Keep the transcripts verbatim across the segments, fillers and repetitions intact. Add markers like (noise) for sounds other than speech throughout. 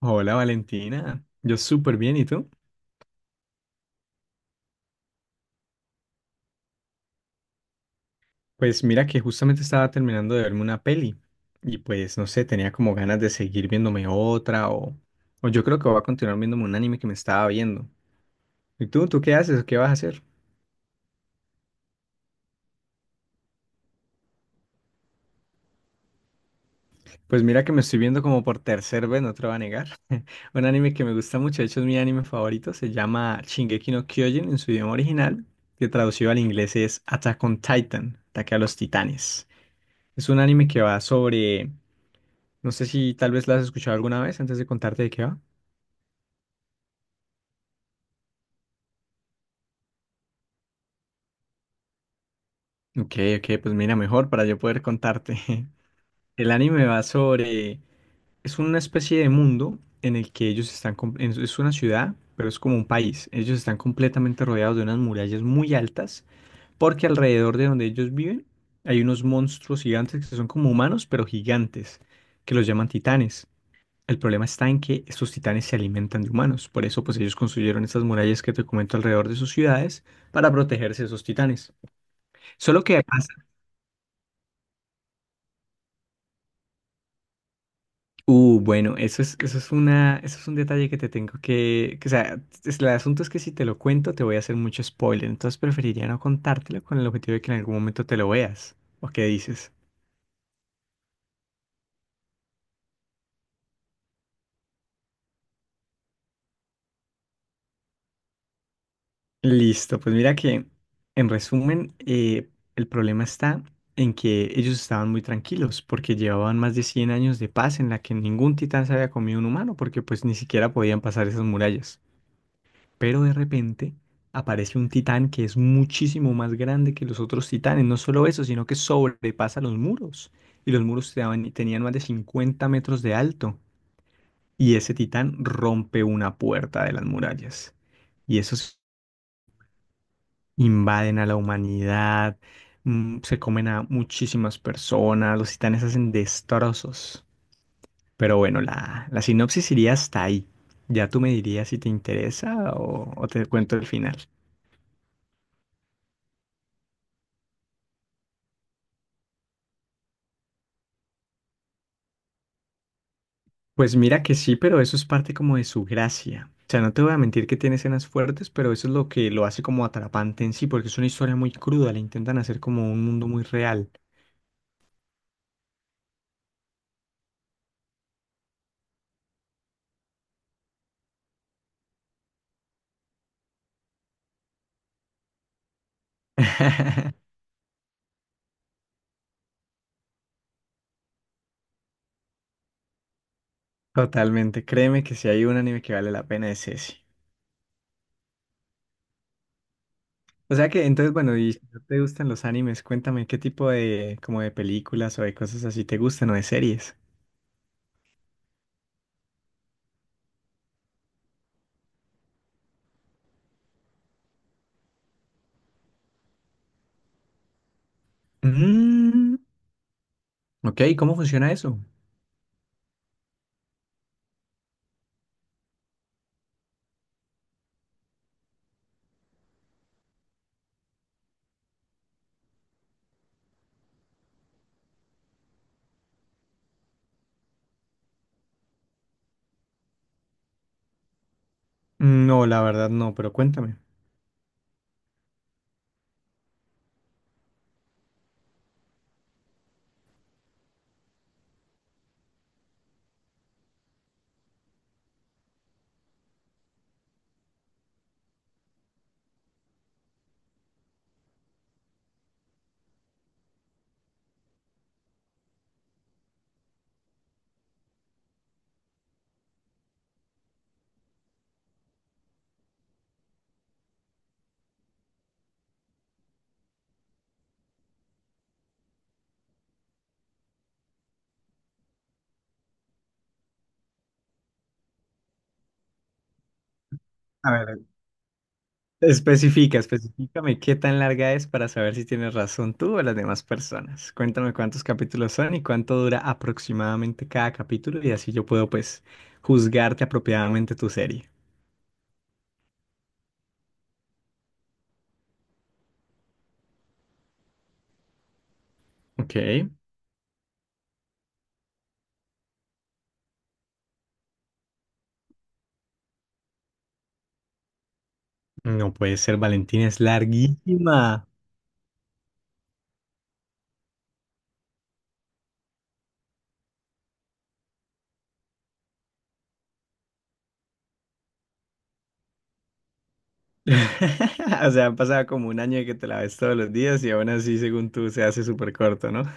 Hola Valentina, yo súper bien, ¿y tú? Pues mira que justamente estaba terminando de verme una peli y pues no sé, tenía como ganas de seguir viéndome otra o, o yo creo que voy a continuar viéndome un anime que me estaba viendo. ¿Y tú? ¿Tú qué haces? ¿O qué vas a hacer? Pues mira que me estoy viendo como por tercer vez, no te lo voy a negar. (laughs) Un anime que me gusta mucho, de hecho es mi anime favorito, se llama Shingeki no Kyojin en su idioma original, que traducido al inglés es Attack on Titan, Ataque a los Titanes. Es un anime que va sobre... No sé si tal vez la has escuchado alguna vez antes de contarte de qué va. Ok, ok, pues mira, mejor para yo poder contarte. (laughs) El anime va sobre... Es una especie de mundo en el que ellos están... com- en- Es una ciudad, pero es como un país. Ellos están completamente rodeados de unas murallas muy altas, porque alrededor de donde ellos viven hay unos monstruos gigantes que son como humanos, pero gigantes, que los llaman titanes. El problema está en que estos titanes se alimentan de humanos, por eso pues ellos construyeron estas murallas que te comento alrededor de sus ciudades para protegerse de esos titanes. Solo que pasa, uh, bueno, eso es, eso es una, eso es un detalle que te tengo que, que, o sea, es- el asunto es que si te lo cuento te voy a hacer mucho spoiler, entonces preferiría no contártelo con el objetivo de que en algún momento te lo veas. ¿O qué dices? Listo, pues mira que en resumen eh, el problema está en que ellos estaban muy tranquilos porque llevaban más de cien años de paz en la que ningún titán se había comido un humano porque pues ni siquiera podían pasar esas murallas. Pero de repente aparece un titán que es muchísimo más grande que los otros titanes, no solo eso, sino que sobrepasa los muros, y los muros teaban- tenían más de cincuenta metros de alto y ese titán rompe una puerta de las murallas. Y eso, invaden a la humanidad, mm, se comen a muchísimas personas, los titanes hacen destrozos. Pero bueno, la, la sinopsis iría hasta ahí. Ya tú me dirías si te interesa o, o te cuento el final. Pues mira que sí, pero eso es parte como de su gracia. O sea, no te voy a mentir que tiene escenas fuertes, pero eso es lo que lo hace como atrapante en sí, porque es una historia muy cruda, le intentan hacer como un mundo muy real. (laughs) Totalmente, créeme que si hay un anime que vale la pena es ese. O sea que, entonces, bueno, y si no te gustan los animes, cuéntame qué tipo de, como de películas o de cosas así te gustan o de series. Mm, ok, ¿cómo funciona eso? No, la verdad no, pero cuéntame. A ver, especifica, especifícame qué tan larga es para saber si tienes razón tú o las demás personas. Cuéntame cuántos capítulos son y cuánto dura aproximadamente cada capítulo y así yo puedo pues juzgarte apropiadamente tu serie. Ok, no puede ser, Valentina, es larguísima. (laughs) O sea, han pasado como un año de que te la ves todos los días y aún así, según tú, se hace súper corto, ¿no? (laughs)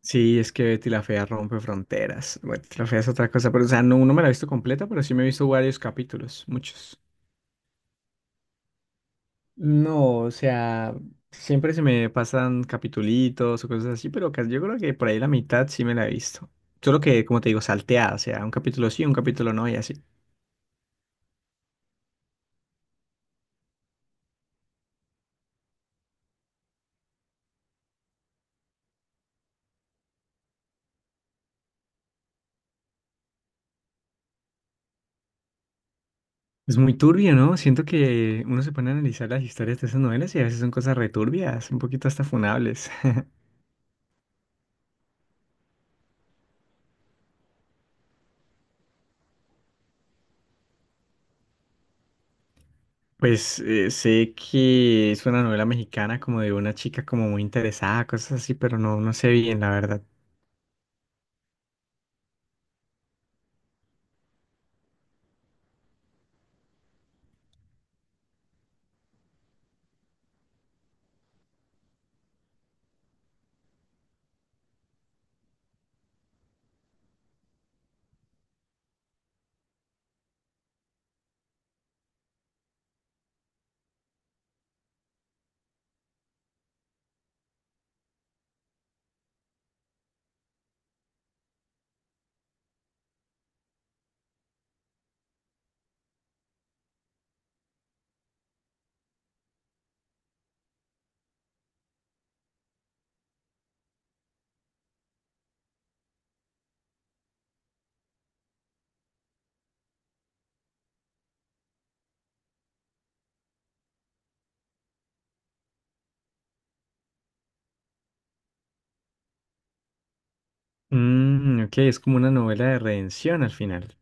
Sí, es que Betty la Fea rompe fronteras. Betty la Fea es otra cosa, pero o sea, no, no me la he visto completa, pero sí me he visto varios capítulos, muchos. No, o sea, siempre se me pasan capitulitos o cosas así, pero casi- yo creo que por ahí la mitad sí me la he visto. Solo que, como te digo, salteada, o sea, un capítulo sí, un capítulo no y así. Es muy turbio, ¿no? Siento que uno se pone a analizar las historias de esas novelas y a veces son cosas returbias, un poquito hasta funables. (laughs) Pues eh, sé que es una novela mexicana como de una chica como muy interesada, cosas así, pero no, no sé bien, la verdad. Mm, ok, es como una novela de redención al final.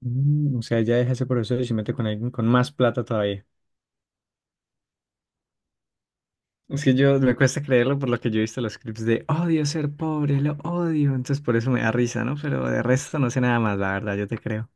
Mm, o sea, ya deja ese profesor y se mete con alguien con más plata todavía. Es que yo me cuesta creerlo por lo que yo he visto en los clips de odio ser pobre, lo odio. Entonces por eso me da risa, ¿no? Pero de resto no sé nada más, la verdad, yo te creo.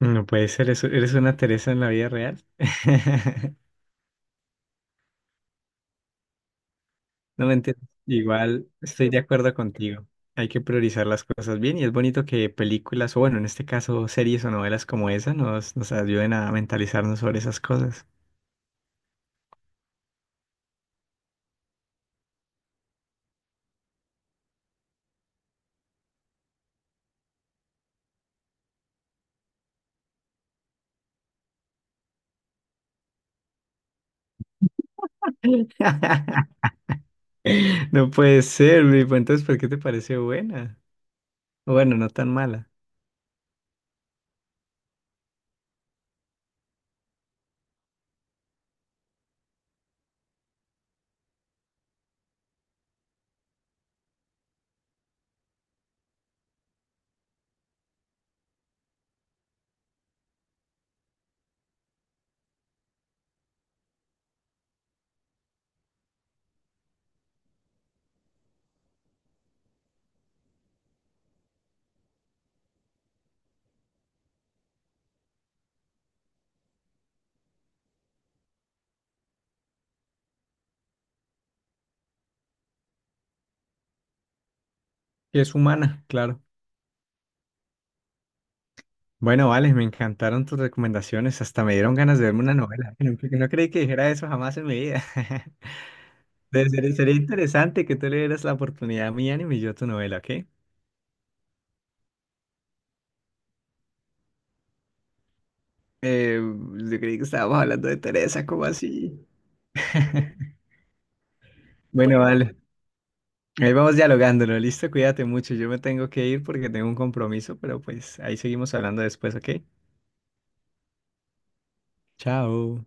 No puede ser, eso- eres una Teresa en la vida real. (laughs) No me entiendo. Igual estoy de acuerdo contigo. Hay que priorizar las cosas bien y es bonito que películas, o bueno, en este caso series o novelas como esa, nos, nos ayuden a mentalizarnos sobre esas cosas. (laughs) No puede ser, Luis. Pues entonces, ¿por qué te parece buena? O bueno, no tan mala. Que es humana, claro. Bueno, vale, me encantaron tus recomendaciones. Hasta me dieron ganas de verme una novela. (laughs) No, no creí que dijera eso jamás en mi vida. (laughs) Pero sería, sería interesante que tú le dieras la oportunidad a mi anime y yo a tu novela, ¿ok? Eh, yo creí que estábamos hablando de Teresa, ¿cómo así? (laughs) Bueno, bueno, vale. Ahí vamos dialogándolo, listo, cuídate mucho. Yo me tengo que ir porque tengo un compromiso, pero pues ahí seguimos hablando después, ¿ok? Chao.